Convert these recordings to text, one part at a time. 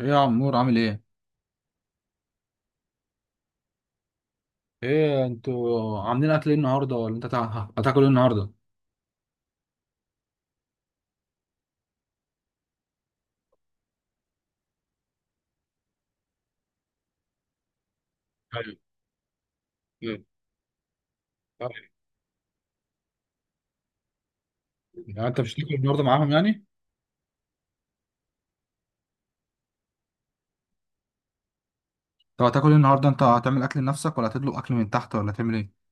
ايه يا عمور عامل ايه؟ ايه انتوا عاملين اكل ايه النهارده ولا انت هتاكل ايه النهارده؟ ايوه ايوه أيوة. يعني انت مش تاكل النهارده معاهم يعني. طب هتاكل ايه النهارده؟ انت هتعمل اكل لنفسك ولا هتطلب اكل من تحت ولا هتعمل ايه؟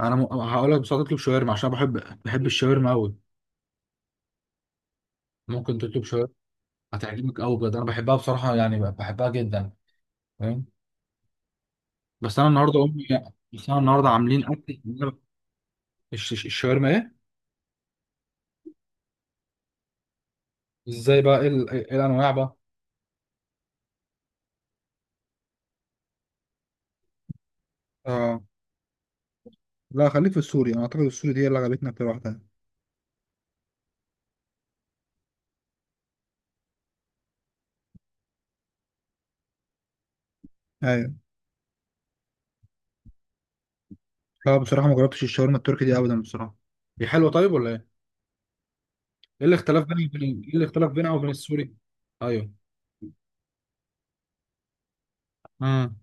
هقول لك، بس هتطلب شاورما عشان بحب، بحب الشاورما قوي. ممكن تطلب شاورما، هتعجبك قوي بجد. انا بحبها بصراحه، يعني بحبها جدا. فاهم؟ بس انا النهارده امي، بس انا النهارده عاملين اكل. الشاورما ايه؟ ازاي بقى؟ إيه الانواع بقى؟ اه. لا خليك في السوري، انا اعتقد السوري دي هي اللي عجبتنا اكتر واحده. لا بصراحة ما جربتش الشاورما التركي دي أبدا بصراحة. دي حلوه طيب ولا ايه؟ ايه الاختلاف بينها وبين، ايه الاختلاف بينها وبين السوري؟ ايوه. امم.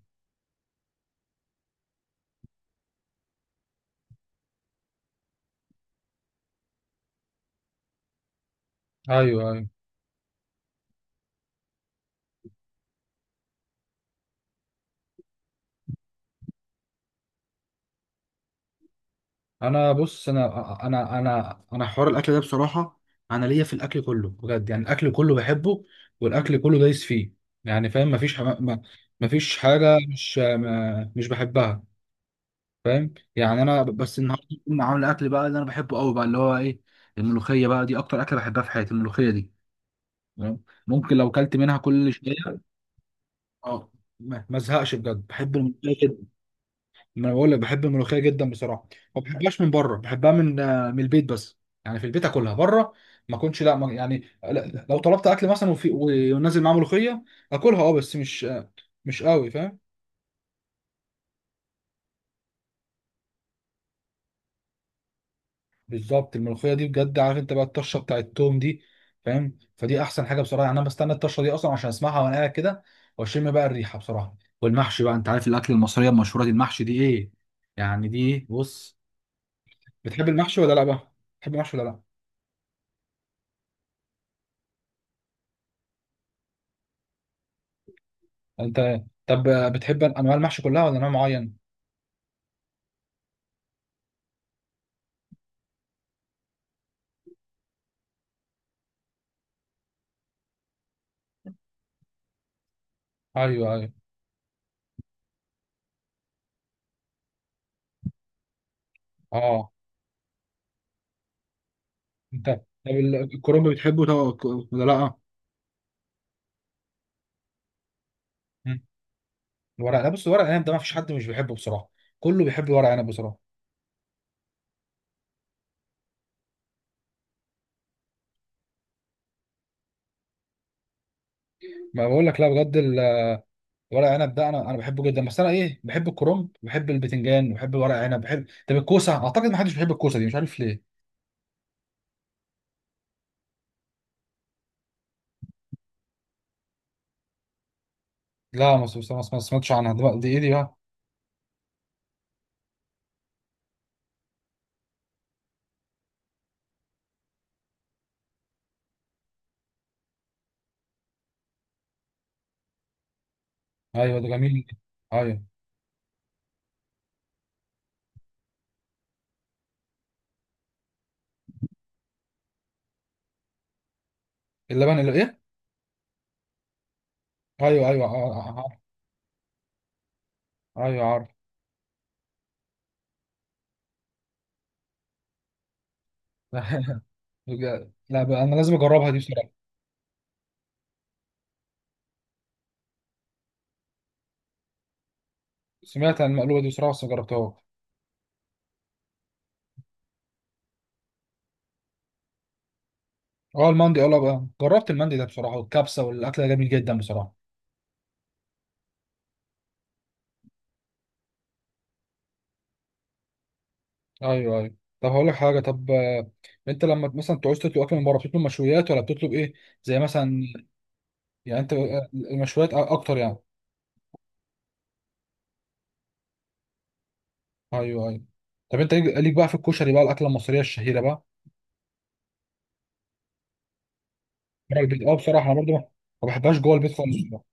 ايوه ايوه. انا بص، انا حوار الاكل ده بصراحه، انا ليا في الاكل كله بجد، يعني الاكل كله بحبه، والاكل كله دايس فيه. يعني فاهم، مفيش حاجه مش، ما مش بحبها. فاهم؟ يعني انا بس النهارده كنا عامل اكل بقى اللي انا بحبه قوي بقى اللي هو ايه، الملوخيه بقى دي اكتر اكله بحبها في حياتي، الملوخيه دي. تمام؟ ممكن لو كلت منها كل شويه. اه ما ازهقش بجد، بحب الملوخيه جدا. ما أنا بقول لك بحب الملوخيه جدا بصراحه. ما بحبهاش من بره، بحبها من من البيت بس. يعني في البيت، اكلها بره ما اكونش، لا ما يعني لا- لو طلبت اكل مثلا وفي، ونازل معاه ملوخيه، اكلها اه بس مش، مش قوي فاهم. بالظبط. الملوخيه دي بجد، عارف انت بقى الطشه بتاعت التوم دي؟ فاهم؟ فدي احسن حاجه بصراحه، يعني انا بستنى الطشه دي اصلا عشان اسمعها وانا قاعد كده واشم بقى الريحه بصراحه. والمحشي بقى، انت عارف الاكل المصريه المشهوره دي المحشي دي ايه، يعني دي بص. بتحب المحشي ولا لا بقى؟ بتحب المحشي ولا لا؟ انت طب، بتحب انواع المحشي كلها ولا نوع معين؟ ايوه ايوه. اه. انت طب الكرنب بتحبه؟ ولا لا؟ مم. الورق، لا بص، ورق العنب ده ما فيش حد مش بيحبه بصراحه، كله بيحب ورق عنب بصراحه. ما بقول لك، لا بجد، ورق عنب ده انا، انا بحبه جدا. بس انا ايه، بحب الكرنب، بحب البتنجان، بحب ورق عنب، بحب، طب الكوسه اعتقد ما حدش بيحب الكوسه دي، مش عارف ليه. لا، ما سمعتش عنها. دي بقى، دي ايه دي بقى؟ ايوه ده جميل. ايوه. اللبن اللي ايه؟ ايوه ايوه آه، ايوه عارف. بجد. لا بقى انا لازم اجربها دي بصراحه. سمعت عن المقلوبه دي بصراحه بس ما جربتهاش. اه المندي، اه لا بقى جربت المندي ده بصراحه، والكبسه والاكل ده جميل جدا بصراحه. ايوه ايوه. طب هقول لك حاجه طب، انت لما مثلا تعوز تطلب اكل من بره، بتطلب مشويات ولا بتطلب ايه؟ زي مثلا، يعني انت، المشويات اكتر يعني؟ ايوه ايوه. طب انت ليك بقى في الكشري بقى، الاكله المصريه الشهيره بقى. بره البيت اه بصراحه. انا برضو ما بحبهاش جوه البيت خالص بصراحة.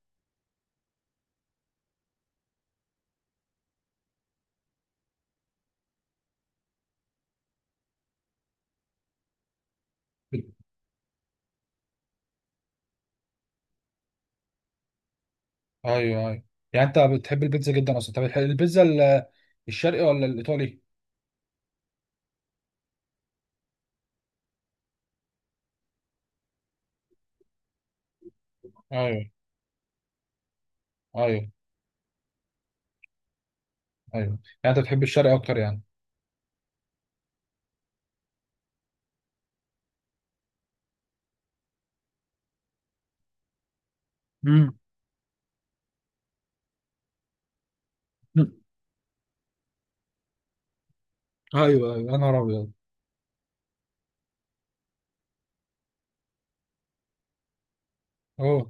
ايوه ايوه. يعني انت بتحب البيتزا جدا اصلا؟ طب بتحب البيتزا الشرقي ولا الايطالي؟ ايوه. ايوه. ايوه. يعني انت بتحب الشرقي اكتر يعني؟ امم. ايوه ايوه، يا نهار ابيض. اه.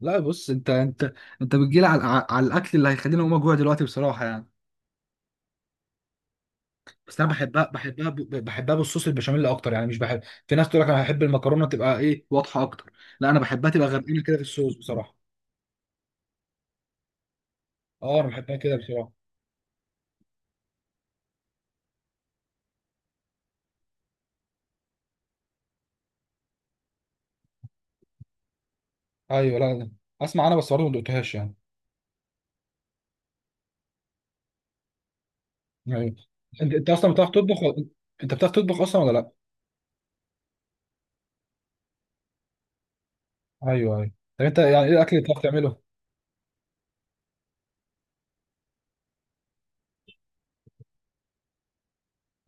لا بص، انت انت بتجيلي على، على الاكل اللي هيخليني اقوم اجوع دلوقتي بصراحه يعني. بس انا بحبها، بحبها، بحبها بالصوص، البشاميل اكتر يعني، مش بحب. في ناس تقول لك انا هحب المكرونه تبقى ايه، واضحه اكتر، لا انا بحبها تبقى غرقانه كده في الصوص بصراحه. اه انا بحبها كده بصراحه. ايوه. لا لا، اسمع انا بس برضه ما دقتهاش يعني. ايوه. انت، انت اصلا بتعرف تطبخ انت بتعرف تطبخ اصلا ولا لا؟ ايوه ايوه. طب انت يعني ايه الاكل اللي بتعرف تعمله؟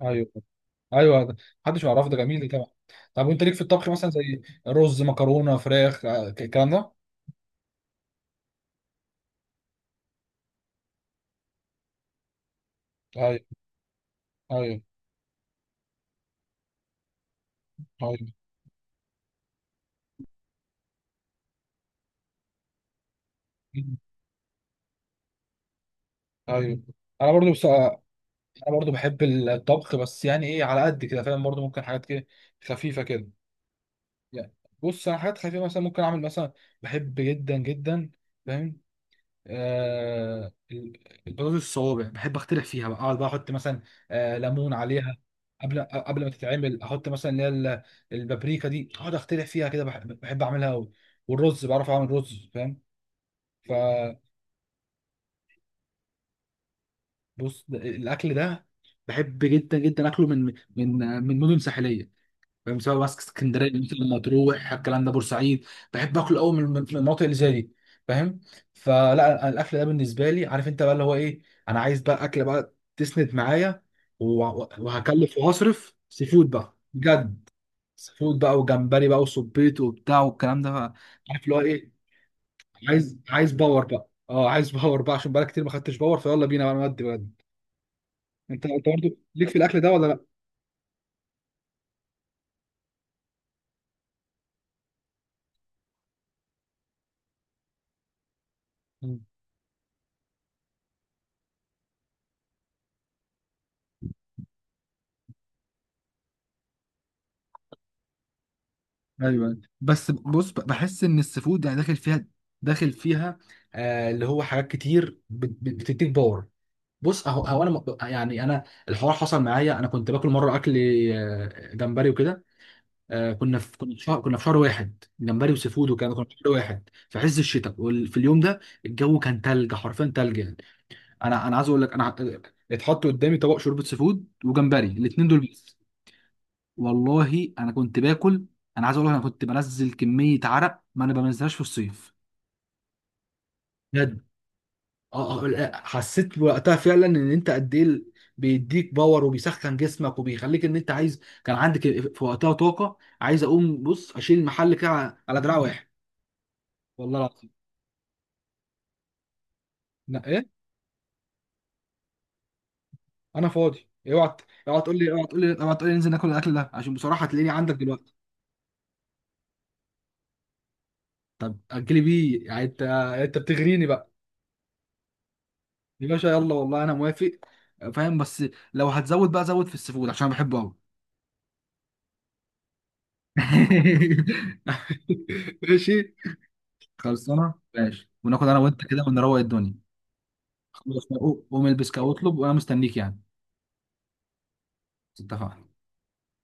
ايوه. ايوه ده، محدش يعرفه ده، جميل ده طبعا. طب وانت ليك في الطبخ مثلا؟ زي رز مكرونه فراخ، الكلام ده؟ ايوه ايوه. ايوه ايوه. انا برضو بس، انا برضو بحب الطبخ بس يعني ايه، على قد كده فاهم، برضو ممكن حاجات كده خفيفه كده يعني. بص انا حاجات خفيفه، مثلا ممكن اعمل مثلا، بحب جدا جدا، فاهم؟ آه ال- البطاطس الصوابع بحب اخترع فيها بقى، اقعد بقى احط مثلا آه ليمون عليها، قبل ما تتعمل، احط مثلا اللي هي البابريكا دي، اقعد اخترع فيها كده، بحب, بحب اعملها قوي. والرز بعرف اعمل رز فاهم. فبص، الاكل ده بحب جدا جدا اكله من، من، من مدن ساحليه، مساوي ماسك اسكندريه، مثل مطروح الكلام ده، بورسعيد. بحب اكل قوي من، من المناطق اللي زي دي، فاهم؟ فلا، أنا الاكل ده بالنسبه لي، عارف انت بقى اللي هو ايه، انا عايز بقى اكل بقى تسند معايا وهكلف وهصرف سي فود بقى بجد. سي فود بقى، وجمبري بقى، وسبيط وبتاع والكلام ده بقى. عارف اللي هو ايه، عايز باور بقى، اه عايز باور بقى، عشان بقى كتير ما خدتش باور، فيلا بينا بقى نودي بجد. انت، انت برضه ليك في الاكل ده ولا لا؟ ايوه بس بص، بحس ان السفود يعني داخل فيها، داخل فيها، آه اللي هو حاجات كتير بتديك باور. بص هو هو انا يعني انا الحوار حصل معايا، انا كنت باكل مره اكل جمبري وكده. كنا في، كنا في شهر واحد جمبري وسيفود، كنا في شهر واحد في عز الشتاء، وفي اليوم ده الجو كان تلج، حرفيا تلج يعني. انا انا عايز اقول لك، انا اتحط قدامي طبق شوربه سيفود وجمبري، الاثنين دول بس. والله انا كنت باكل، انا عايز اقول لك، انا كنت بنزل كميه عرق ما انا بنزلهاش في الصيف، بجد. اه لا، حسيت وقتها فعلا ان انت قد ايه بيديك باور وبيسخن جسمك وبيخليك ان انت عايز، كان عندك في وقتها طاقه، عايز اقوم بص اشيل المحل كده على، على دراع واحد. والله العظيم. لا ايه. انا فاضي. اوعى، اوعى تقول لي ننزل ناكل الاكل ده، عشان بصراحه هتلاقيني عندك دلوقتي. طب اجلي بيه، يعني انت، انت بتغريني بقى. يا باشا، يلا والله انا موافق. فاهم؟ بس لو هتزود بقى، زود في السيفود عشان أنا بحبه قوي. ماشي. خلصانه، ماشي، وناخد انا وانت كده ونروق الدنيا. خلاص، قوم البس كده واطلب وانا مستنيك يعني. اتفقنا.